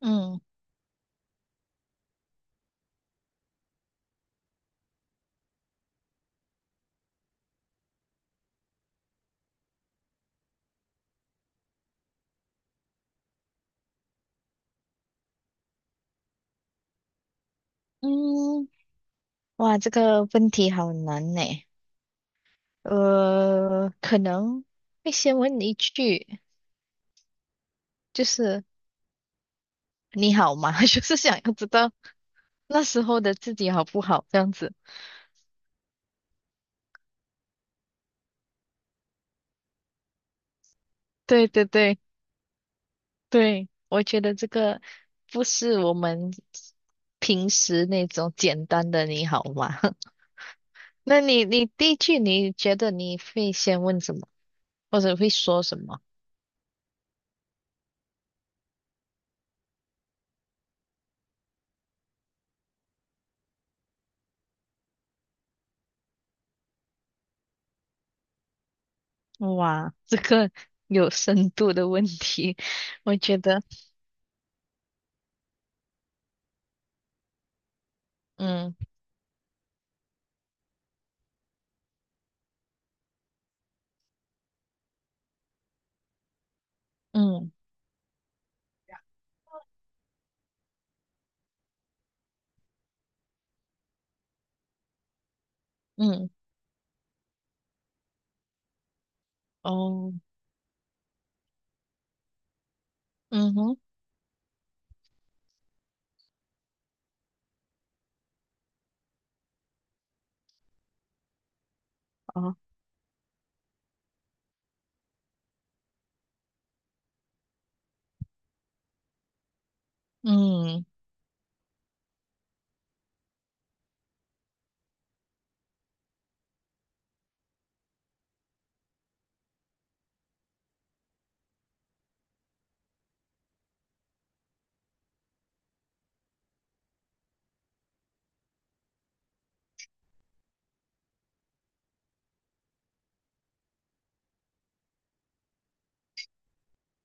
嗯嗯，哇，这个问题好难呢。可能会先问一句，就是你好吗？就是想要知道那时候的自己好不好，这样子。对对对对，我觉得这个不是我们平时那种简单的你好吗？那你第一句你觉得你会先问什么，或者会说什么？哇，这个有深度的问题，我觉得，嗯嗯嗯，哦，嗯哼，哦，嗯，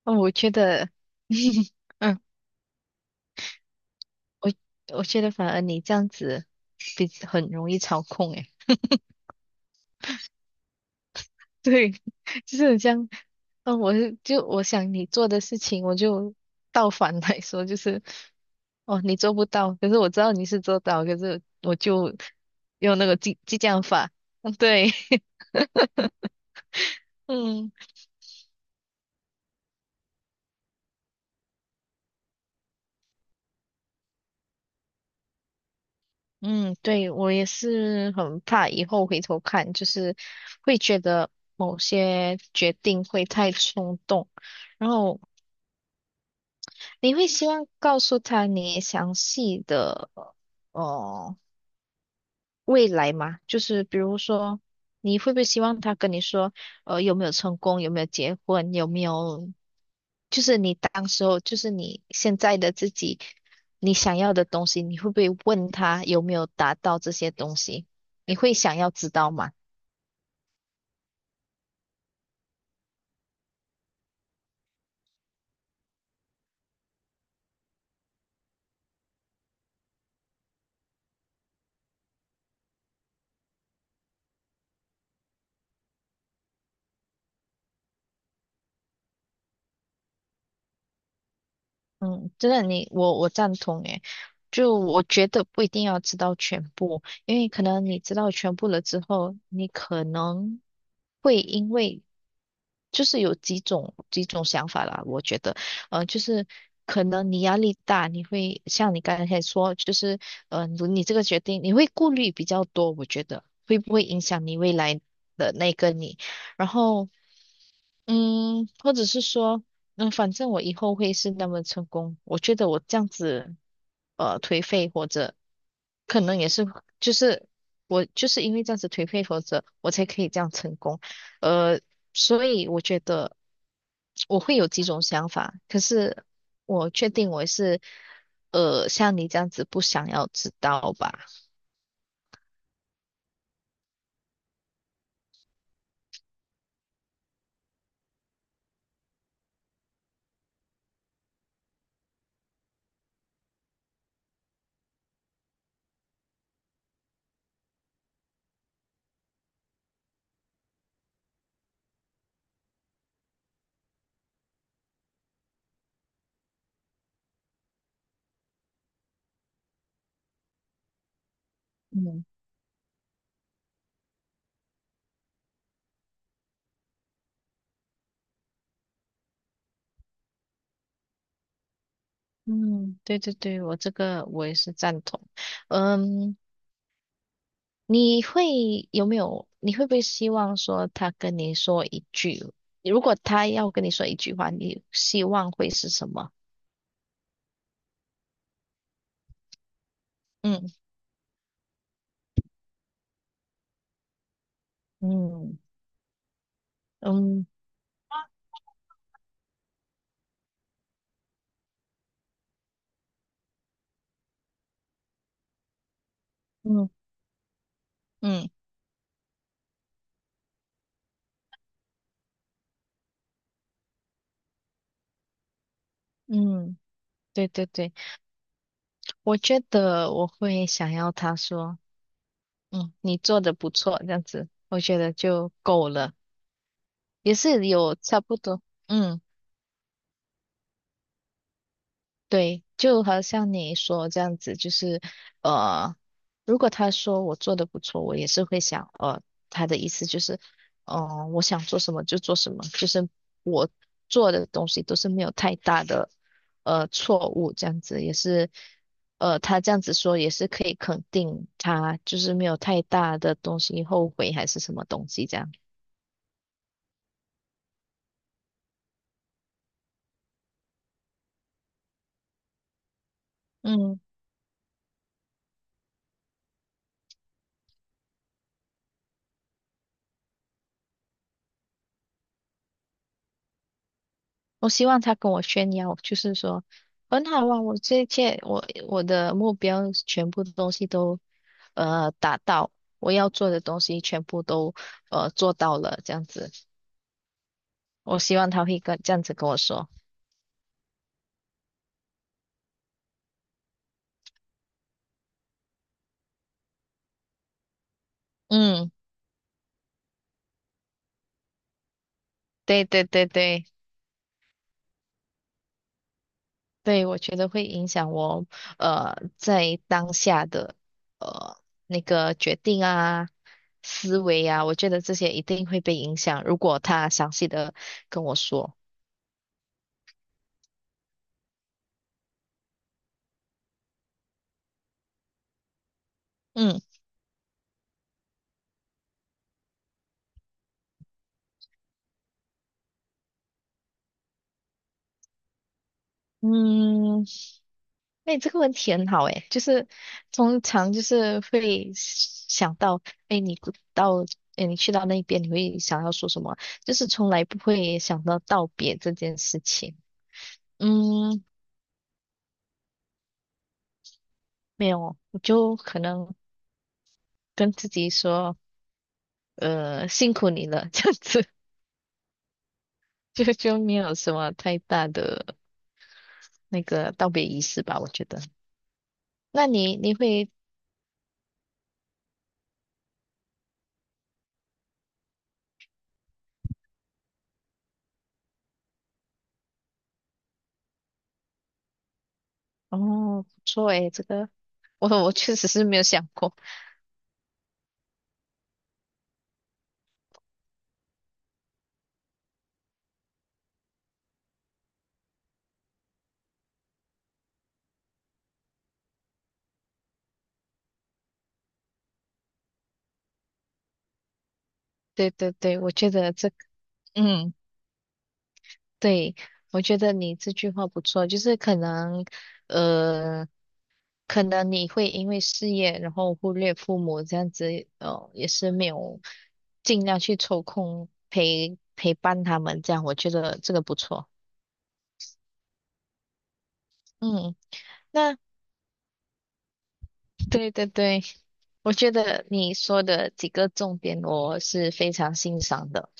哦，我觉得，嗯，我我觉得反而你这样子比很容易操控，诶，对，就是这样，嗯，我是就我想你做的事情，我就倒反来说，就是，哦，你做不到，可是我知道你是做到，可是我就用那个激将法，嗯，对。嗯嗯，对，我也是很怕以后回头看，就是会觉得某些决定会太冲动，然后你会希望告诉他你详细的哦、呃未来嘛，就是比如说，你会不会希望他跟你说，有没有成功，有没有结婚，有没有，就是你当时候，就是你现在的自己，你想要的东西，你会不会问他有没有达到这些东西？你会想要知道吗？嗯，真的你，我赞同诶，就我觉得不一定要知道全部，因为可能你知道全部了之后，你可能会因为就是有几种想法啦，我觉得，就是可能你压力大，你会像你刚才说，就是你这个决定你会顾虑比较多，我觉得会不会影响你未来的那个你，然后。或者是说，反正我以后会是那么成功。我觉得我这样子，颓废或者可能也是，就是我就是因为这样子颓废或者我才可以这样成功。呃，所以我觉得我会有几种想法，可是我确定我是，像你这样子不想要知道吧。嗯嗯，对对对，我这个我也是赞同。嗯，你会有没有？你会不会希望说他跟你说一句？如果他要跟你说一句话，你希望会是什么？嗯嗯嗯嗯嗯。嗯，对对对，我觉得我会想要他说，你做的不错，这样子，我觉得就够了，也是有差不多，嗯。对，就好像你说这样子，就是呃，如果他说我做的不错，我也是会想，他的意思就是，我想做什么就做什么，就是我做的东西都是没有太大的错误，这样子也是，他这样子说也是可以肯定他就是没有太大的东西后悔还是什么东西这样。嗯。我希望他跟我炫耀，就是说很好啊，我这一切，我的目标全部的东西都达到，我要做的东西全部都做到了，这样子。我希望他会跟这样子跟我说，嗯，对对对对对，我觉得会影响我在当下的呃那个决定啊。思维啊，我觉得这些一定会被影响。如果他详细的跟我说，嗯。嗯，哎，这个问题很好哎，就是通常就是会想到，哎，你不到，哎，你去到那边，你会想要说什么？就是从来不会想到道别这件事情。嗯，没有，我就可能跟自己说，辛苦你了，这样子，就没有什么太大的那个道别仪式吧，我觉得。那你会，哦，不错哎，这个我确实是没有想过。对对对，我觉得这个。嗯。对，我觉得你这句话不错，就是可能，呃，可能你会因为事业，然后忽略父母这样子，哦，也是没有尽量去抽空陪伴他们，这样我觉得这个不错。嗯，那对对对，我觉得你说的几个重点我是非常欣赏的，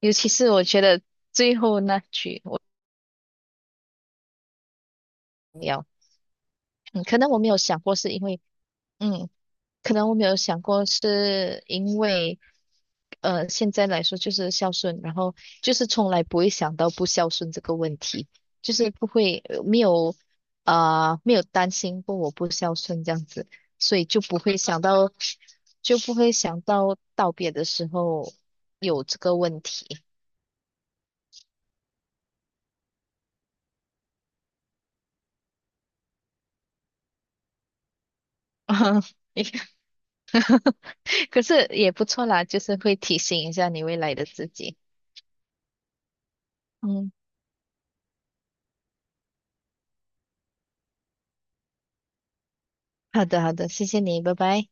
尤其是我觉得最后那句我要，嗯，可能我没有想过是因为。嗯。可能我没有想过，是因为，现在来说就是孝顺，然后就是从来不会想到不孝顺这个问题，就是不会没有没有担心过我不孝顺这样子，所以就不会想到道别的时候有这个问题。啊可是也不错啦，就是会提醒一下你未来的自己。嗯，好的好的，谢谢你，拜拜。